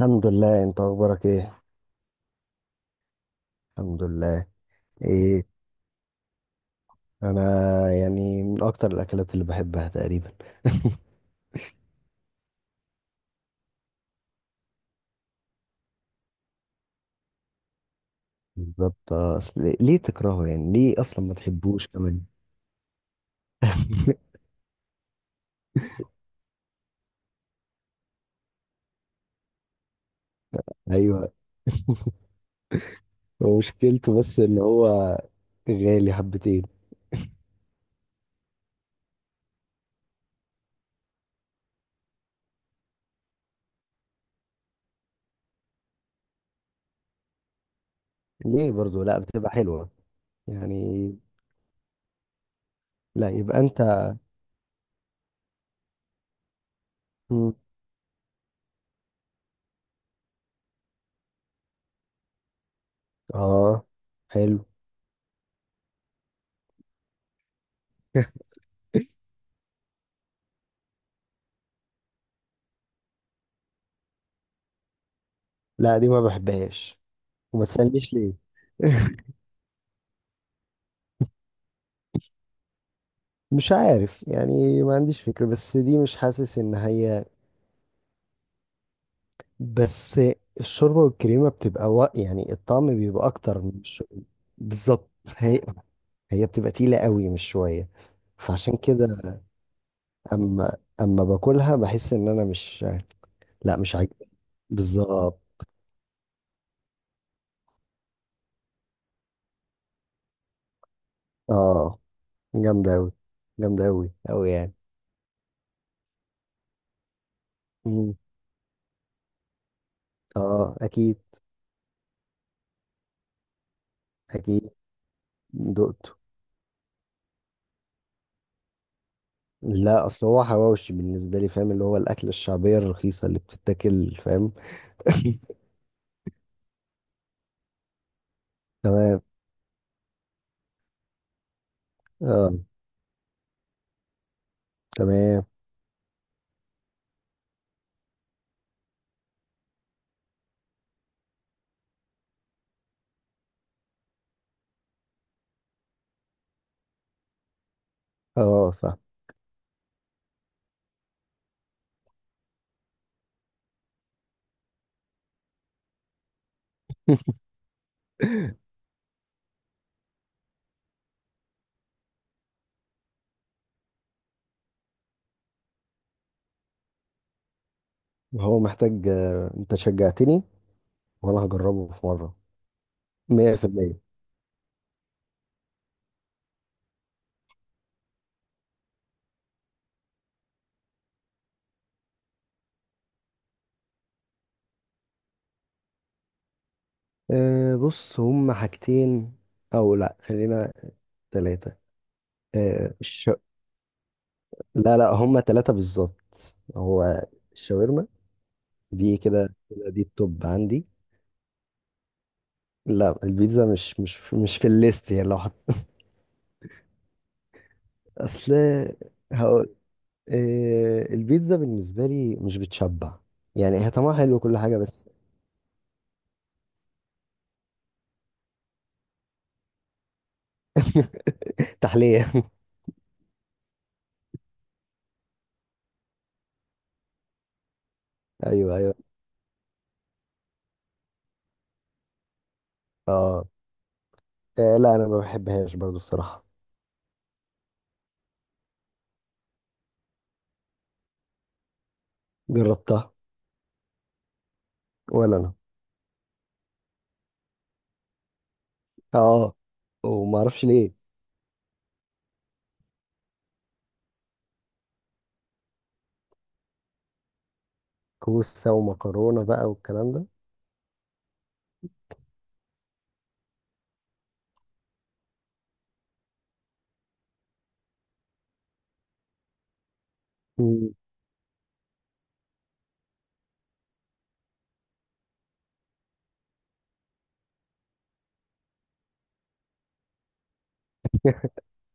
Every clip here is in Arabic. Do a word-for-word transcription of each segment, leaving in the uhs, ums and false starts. الحمد لله. انت اخبارك ايه؟ الحمد لله. ايه، انا يعني من اكتر الاكلات اللي بحبها تقريبا. بالظبط، اصل ليه تكرهه؟ يعني ليه اصلا ما تحبوش كمان؟ ايوه. هو مشكلته بس ان هو غالي حبتين. ليه برضو؟ لا بتبقى حلوه يعني. لا يبقى انت. مم. اه، حلو. لا دي ما بحبهاش، وما تسألنيش ليه. مش عارف يعني، ما عنديش فكرة، بس دي مش حاسس ان هي. بس الشوربة والكريمة بتبقى و... يعني الطعم بيبقى أكتر من الشوربة. بالظبط. هي هي بتبقى تقيلة قوي، مش شوية. فعشان كده، أما أما باكلها بحس إن أنا مش. لا مش عاجبني. بالظبط. اه جامدة أوي، جامدة أوي أوي يعني. مم. اه أكيد. أكيد دقته. لا، أصل هو حواوشي بالنسبة لي، فاهم؟ اللي هو الأكلة الشعبية الرخيصة اللي بتتاكل، فاهم؟ تمام. اه تمام. اه فاهم. هو محتاج، آه، انت شجعتني وانا هجربه في مرة. مية بالمية. أه بص هم حاجتين، او لا خلينا ثلاثة. أه الش... لا لا، هم ثلاثة بالظبط. هو الشاورما، دي كده كده دي التوب عندي. لا، البيتزا مش مش مش في الليست. يعني لو حط، اصل هقول، أه البيتزا بالنسبة لي مش بتشبع. يعني هي طعمها حلو كل حاجة، بس. تحلية. ايوه ايوه. اه آه، لا انا ما بحبهاش برضو الصراحة. جربتها، ولا انا. اه وما اعرفش ليه. كوسه ومكرونه بقى والكلام ده. مم.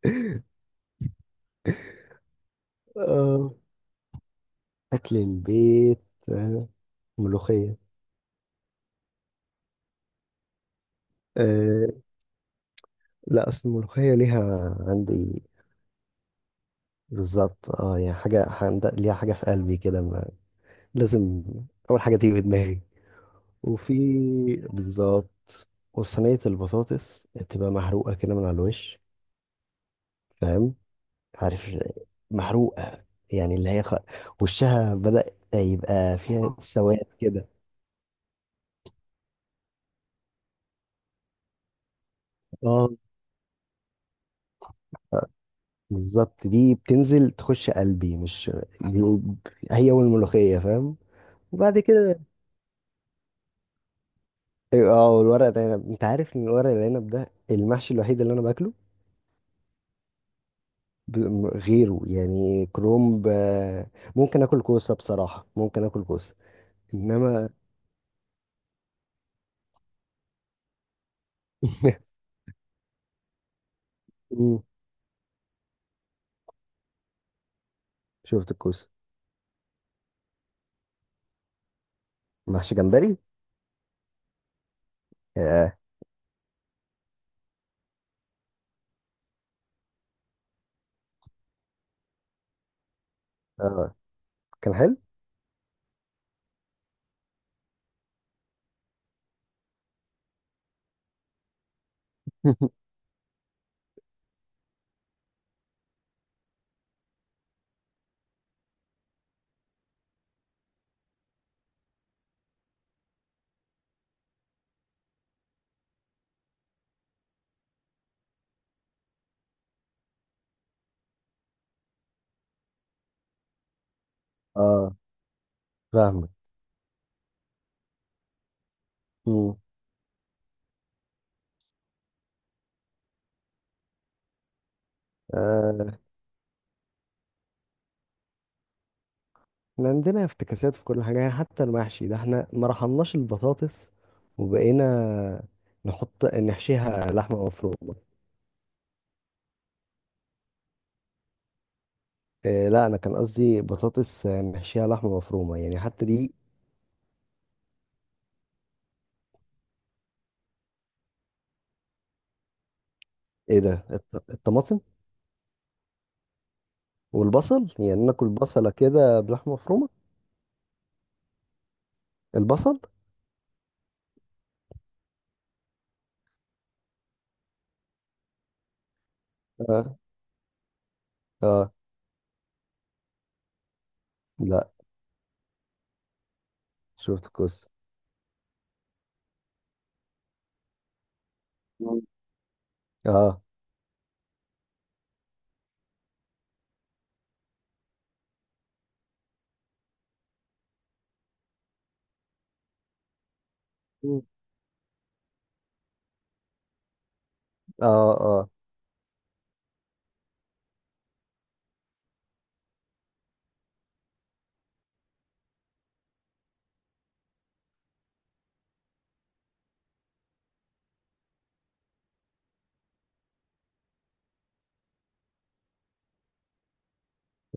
آه. اكل البيت. آه. ملوخيه. آه. لا اصل الملوخيه ليها عندي. بالظبط، اه يعني حاجه عند- ليها حاجه في قلبي كده ما- لازم اول حاجه تيجي في دماغي. وفي، بالظبط، وصينيه البطاطس تبقى محروقه كده من على الوش، فاهم؟ عارف؟ محروقة يعني، اللي هي خ... وشها بدأ يبقى فيها سواد كده. اه بالظبط، دي بتنزل تخش قلبي، مش دي، هي والملوخية، فاهم؟ وبعد كده، أيوة، اه والورق العنب، انت عارف ان الورق العنب ده المحشي الوحيد اللي انا باكله. ب- م- غيره يعني كرومب، آه، ممكن اكل كوسة بصراحة، ممكن اكل كوسة. انما. مم، شفت الكوسة. محشي جمبري. اه آه، كان حلو. اه فاهمك. مم. آه، احنا عندنا افتكاسات في كل حاجة، يعني حتى المحشي ده احنا ما رحمناش البطاطس، وبقينا نحط نحشيها لحمة مفرومة. آه، لا انا كان قصدي بطاطس، آه، نحشيها لحمة مفرومة يعني، حتى دي. ايه ده، الط- الطماطم والبصل؟ يعني ناكل بصلة كده بلحمة مفرومة؟ البصل. اه اه، لا شفت كويس. مم. اه. مم. اه اه.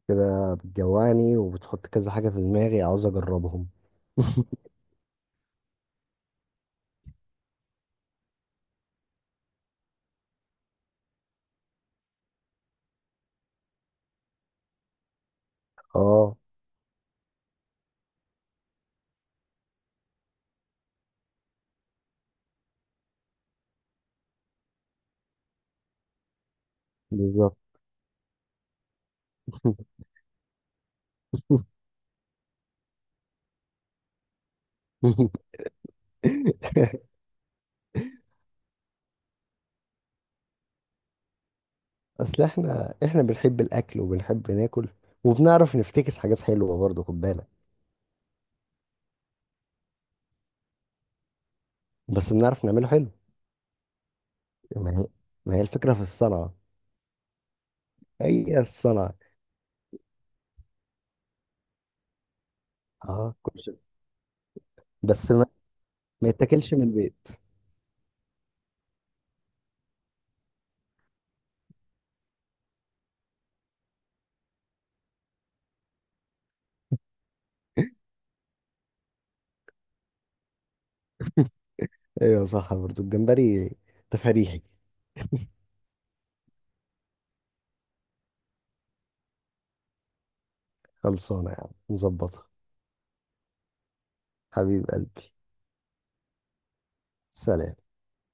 كده بتجوعني وبتحط كذا حاجة في دماغي عاوز اجربهم. اه بالظبط. اصل احنا احنا بنحب الاكل وبنحب ناكل، وبنعرف نفتكس حاجات حلوه برضه، خد بالك. بس بنعرف نعمله حلو. ما هي ما هي الفكره في الصنعه. هي الصنعه. اه كشري. بس ما, ما يتاكلش من البيت. ايوه صح، برضه الجمبري تفريحي. خلصانه يا عم، نظبطها. حبيب قلبي. سلام.